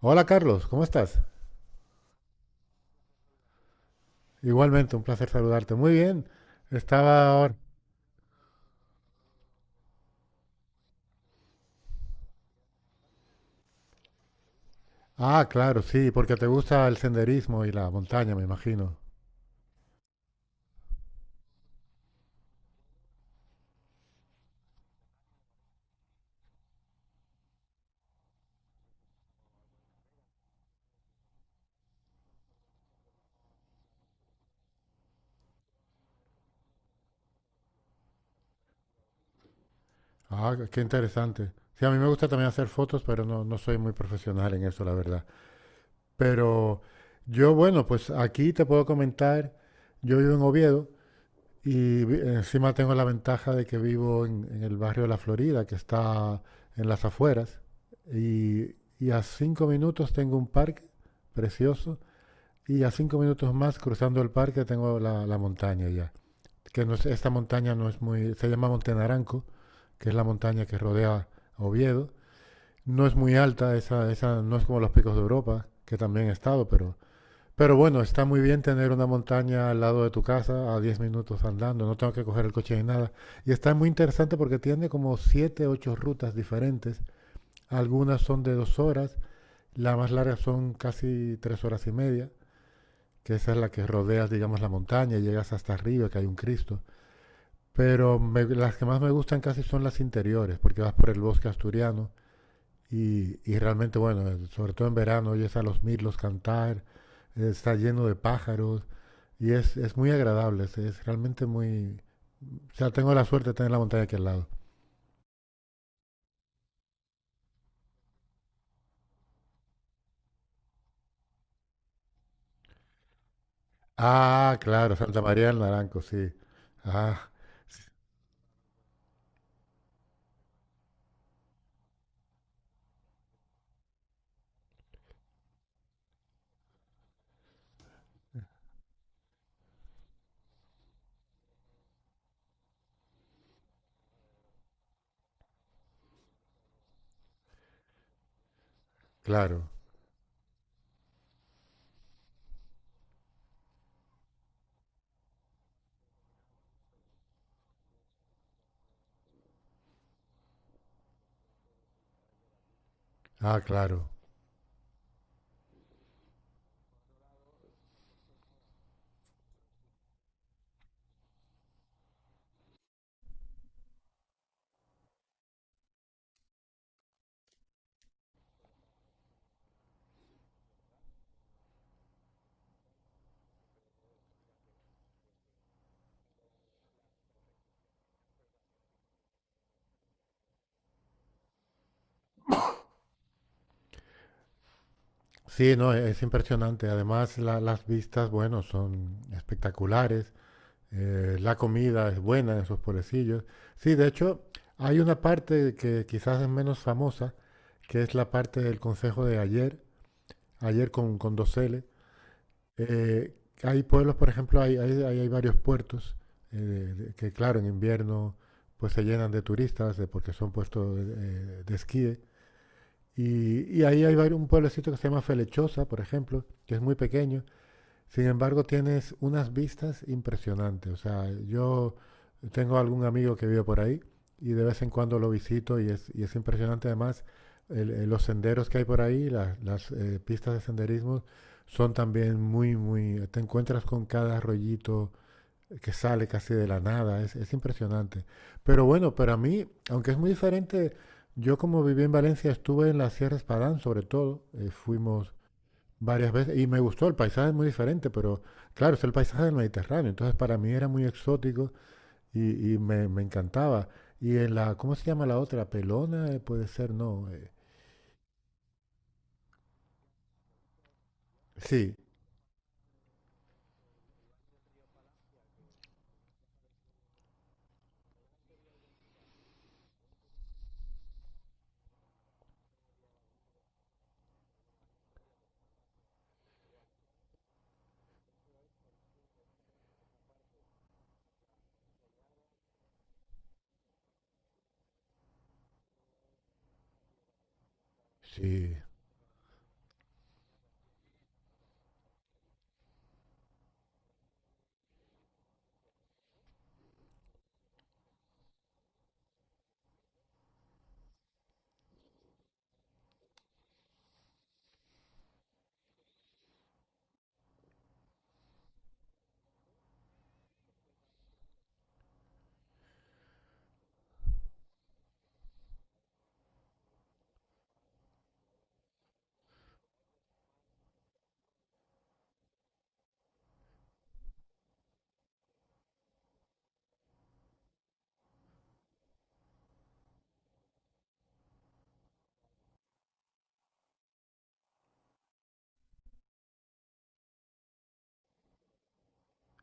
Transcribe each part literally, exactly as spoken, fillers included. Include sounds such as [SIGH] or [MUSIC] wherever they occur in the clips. Hola Carlos, ¿cómo estás? Igualmente, un placer saludarte. Muy bien. Estaba ahora- Ah, claro, sí, porque te gusta el senderismo y la montaña, me imagino. Ah, qué interesante. Sí, a mí me gusta también hacer fotos, pero no, no soy muy profesional en eso, la verdad. Pero yo, bueno, pues aquí te puedo comentar, yo vivo en Oviedo y vi- encima tengo la ventaja de que vivo en, en el barrio de La Florida, que está en las afueras, y, y a cinco minutos tengo un parque precioso. Y a cinco minutos más, cruzando el parque, tengo la, la montaña ya. Que no es- esta montaña no es muy... Se llama Monte Naranco, que es la montaña que rodea Oviedo. No es muy alta, esa, esa no es como los Picos de Europa, que también he estado, pero... Pero bueno, está muy bien tener una montaña al lado de tu casa, a diez minutos andando, no tengo que coger el coche ni nada. Y está muy interesante porque tiene como siete, ocho rutas diferentes. Algunas son de dos horas, las más largas son casi tres horas y media, que esa es la que rodeas, digamos, la montaña y llegas hasta arriba, que hay un Cristo. Pero me, las que más me gustan casi son las interiores, porque vas por el bosque asturiano y, y realmente, bueno, eh, sobre todo en verano oyes a los mirlos cantar, eh, está lleno de pájaros y es, es muy agradable, es, es realmente muy... O sea, tengo la suerte de tener la montaña aquí al lado. Ah, claro, Santa María del Naranco, sí. Ah, sí, claro, ah, claro. Sí, no, e-, es impresionante. Además, la- las vistas, bueno, son espectaculares. Eh, la comida es buena en esos pueblecillos. Sí, de hecho, hay una parte que quizás es menos famosa, que es la parte del Consejo de ayer, ayer con, con dos L. Eh, hay pueblos, por ejemplo, hay, hay, hay- hay varios puertos eh, de- de- que, claro, en invierno pues se llenan de turistas de- porque son puestos eh, de esquí. Y, y ahí hay vari- un pueblecito que se llama Felechosa, por ejemplo, que es muy pequeño, sin embargo, tienes unas vistas impresionantes. O sea, yo tengo algún amigo que vive por ahí y de vez en cuando lo visito y es, y es impresionante además el- el- los senderos que hay por ahí, la- las eh, pistas de senderismo son también muy, muy... Te encuentras con cada rollito que sale casi de la nada, es, es impresionante. Pero bueno, para mí, aunque es muy diferente, yo como viví en Valencia estuve en la Sierra Espadán sobre todo, eh, fuimos varias veces y me gustó, el paisaje es muy diferente, pero claro, es el paisaje del Mediterráneo, entonces para mí era muy exótico y, y me, me encantaba. Y en la, ¿cómo se llama la otra? Pelona, eh, puede ser, no. Eh, sí, sí.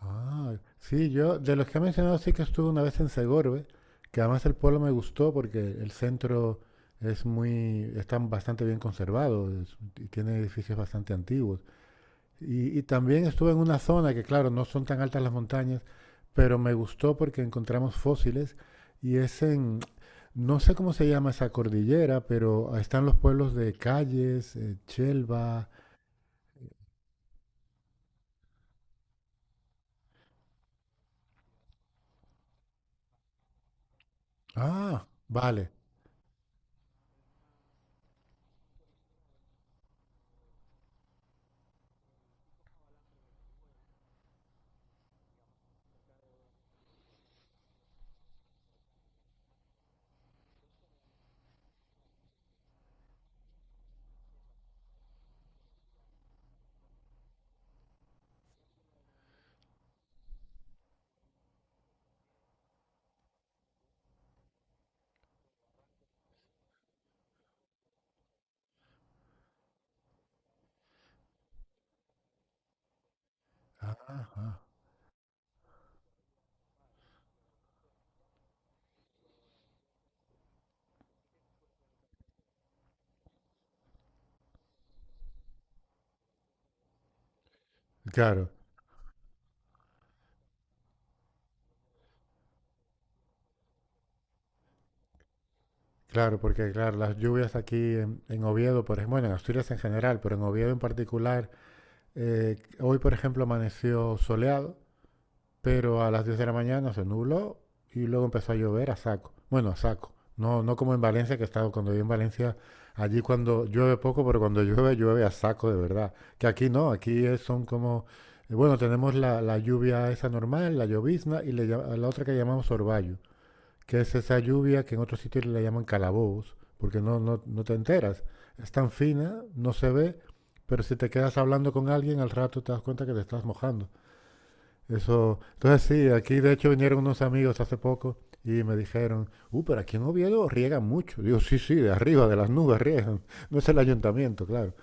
Ah, sí, yo, de los que ha mencionado, sí que estuve una vez en Segorbe, que además el pueblo me gustó porque el centro es muy, está bastante bien conservado es- y tiene edificios bastante antiguos. Y, y también estuve en una zona que, claro, no son tan altas las montañas, pero me gustó porque encontramos fósiles y es en, no sé cómo se llama esa cordillera, pero están los pueblos de Calles, eh, Chelva. Ah, vale. Ah, ah. Claro, claro, porque claro, las lluvias aquí en, en Oviedo, por ejemplo, bueno, en Asturias en general, pero en Oviedo en particular, eh, hoy por ejemplo amaneció soleado pero a las diez de la mañana se nubló y luego empezó a llover a saco. Bueno, a saco. No, no como en Valencia, que he estado cuando vivo en Valencia, allí cuando llueve poco, pero cuando llueve, llueve a saco de verdad. Que aquí no, aquí es- son como, eh, bueno, tenemos la, la lluvia esa normal, la llovizna, y le llama- la otra que llamamos orvallo, que es esa lluvia que en otros sitios le llaman calabobos, porque no, no, no te enteras. Es tan fina, no se ve, pero si te quedas hablando con alguien, al rato te das cuenta que te estás mojando. Eso, entonces sí, aquí de hecho vinieron unos amigos hace poco y me dijeron, uh, pero aquí en Oviedo riegan mucho. Digo, sí, sí, de arriba, de las nubes riegan. [LAUGHS] No es el ayuntamiento, claro.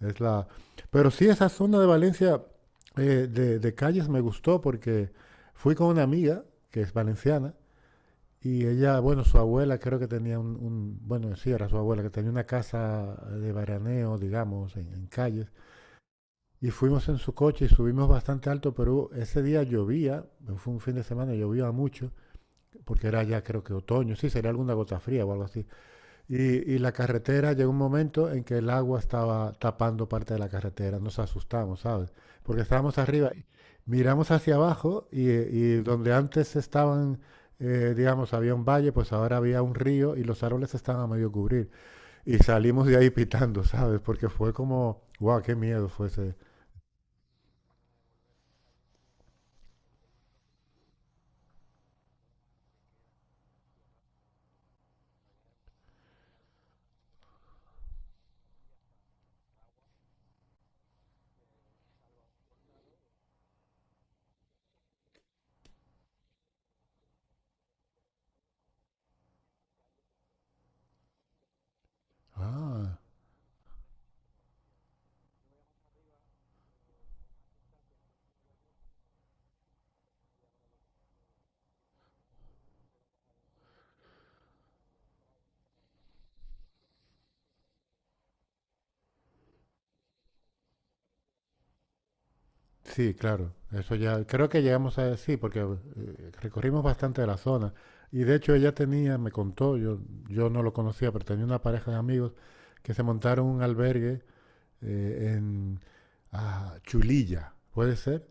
Es la... Pero sí, esa zona de Valencia eh, de, de Calles me gustó porque fui con una amiga que es valenciana y ella, bueno, su abuela creo que tenía un, un- bueno, sí, era su abuela, que tenía una casa de veraneo, digamos, en, en Calles. Y fuimos en su coche y subimos bastante alto, pero ese día llovía, fue un fin de semana, llovía mucho, porque era ya creo que otoño, sí, sería alguna gota fría o algo así. Y, y la carretera llegó un momento en que el agua estaba tapando parte de la carretera, nos asustamos, ¿sabes? Porque estábamos arriba, miramos hacia abajo y, y donde antes estaban, eh, digamos, había un valle, pues ahora había un río y los árboles estaban a medio cubrir. Y salimos de ahí pitando, ¿sabes? Porque fue como, wow, qué miedo fue ese. Ah, sí, claro. Eso ya, creo que llegamos a sí, porque eh, recorrimos bastante de la zona. Y de hecho ella tenía, me contó, yo, yo no lo conocía, pero tenía una pareja de amigos que se montaron un albergue eh, en ah, Chulilla, ¿puede ser?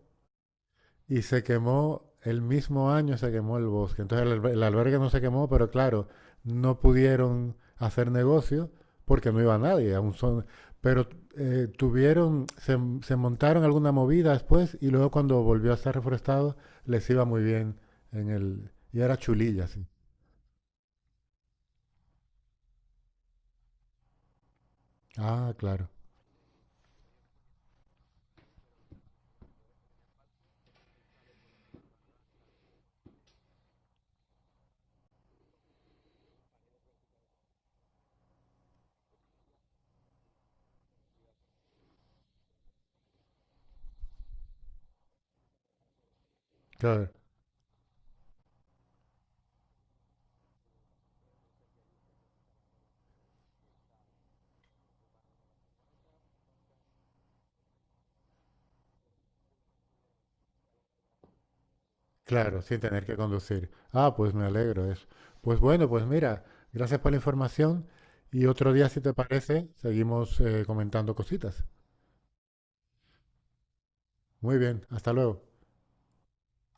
Y se quemó, el mismo año se quemó el bosque. Entonces el, alber- el albergue no se quemó, pero claro, no pudieron hacer negocio porque no iba nadie. Aún son, pero eh, tuvieron, se, se montaron alguna movida después y luego cuando volvió a ser reforestado les iba muy bien en el... Y era Chulilla, sí. Ah, claro. Claro. Claro, sin tener que conducir. Ah, pues me alegro eso. Pues bueno, pues mira, gracias por la información y otro día, si te parece, seguimos eh, comentando cositas. Muy bien, hasta luego.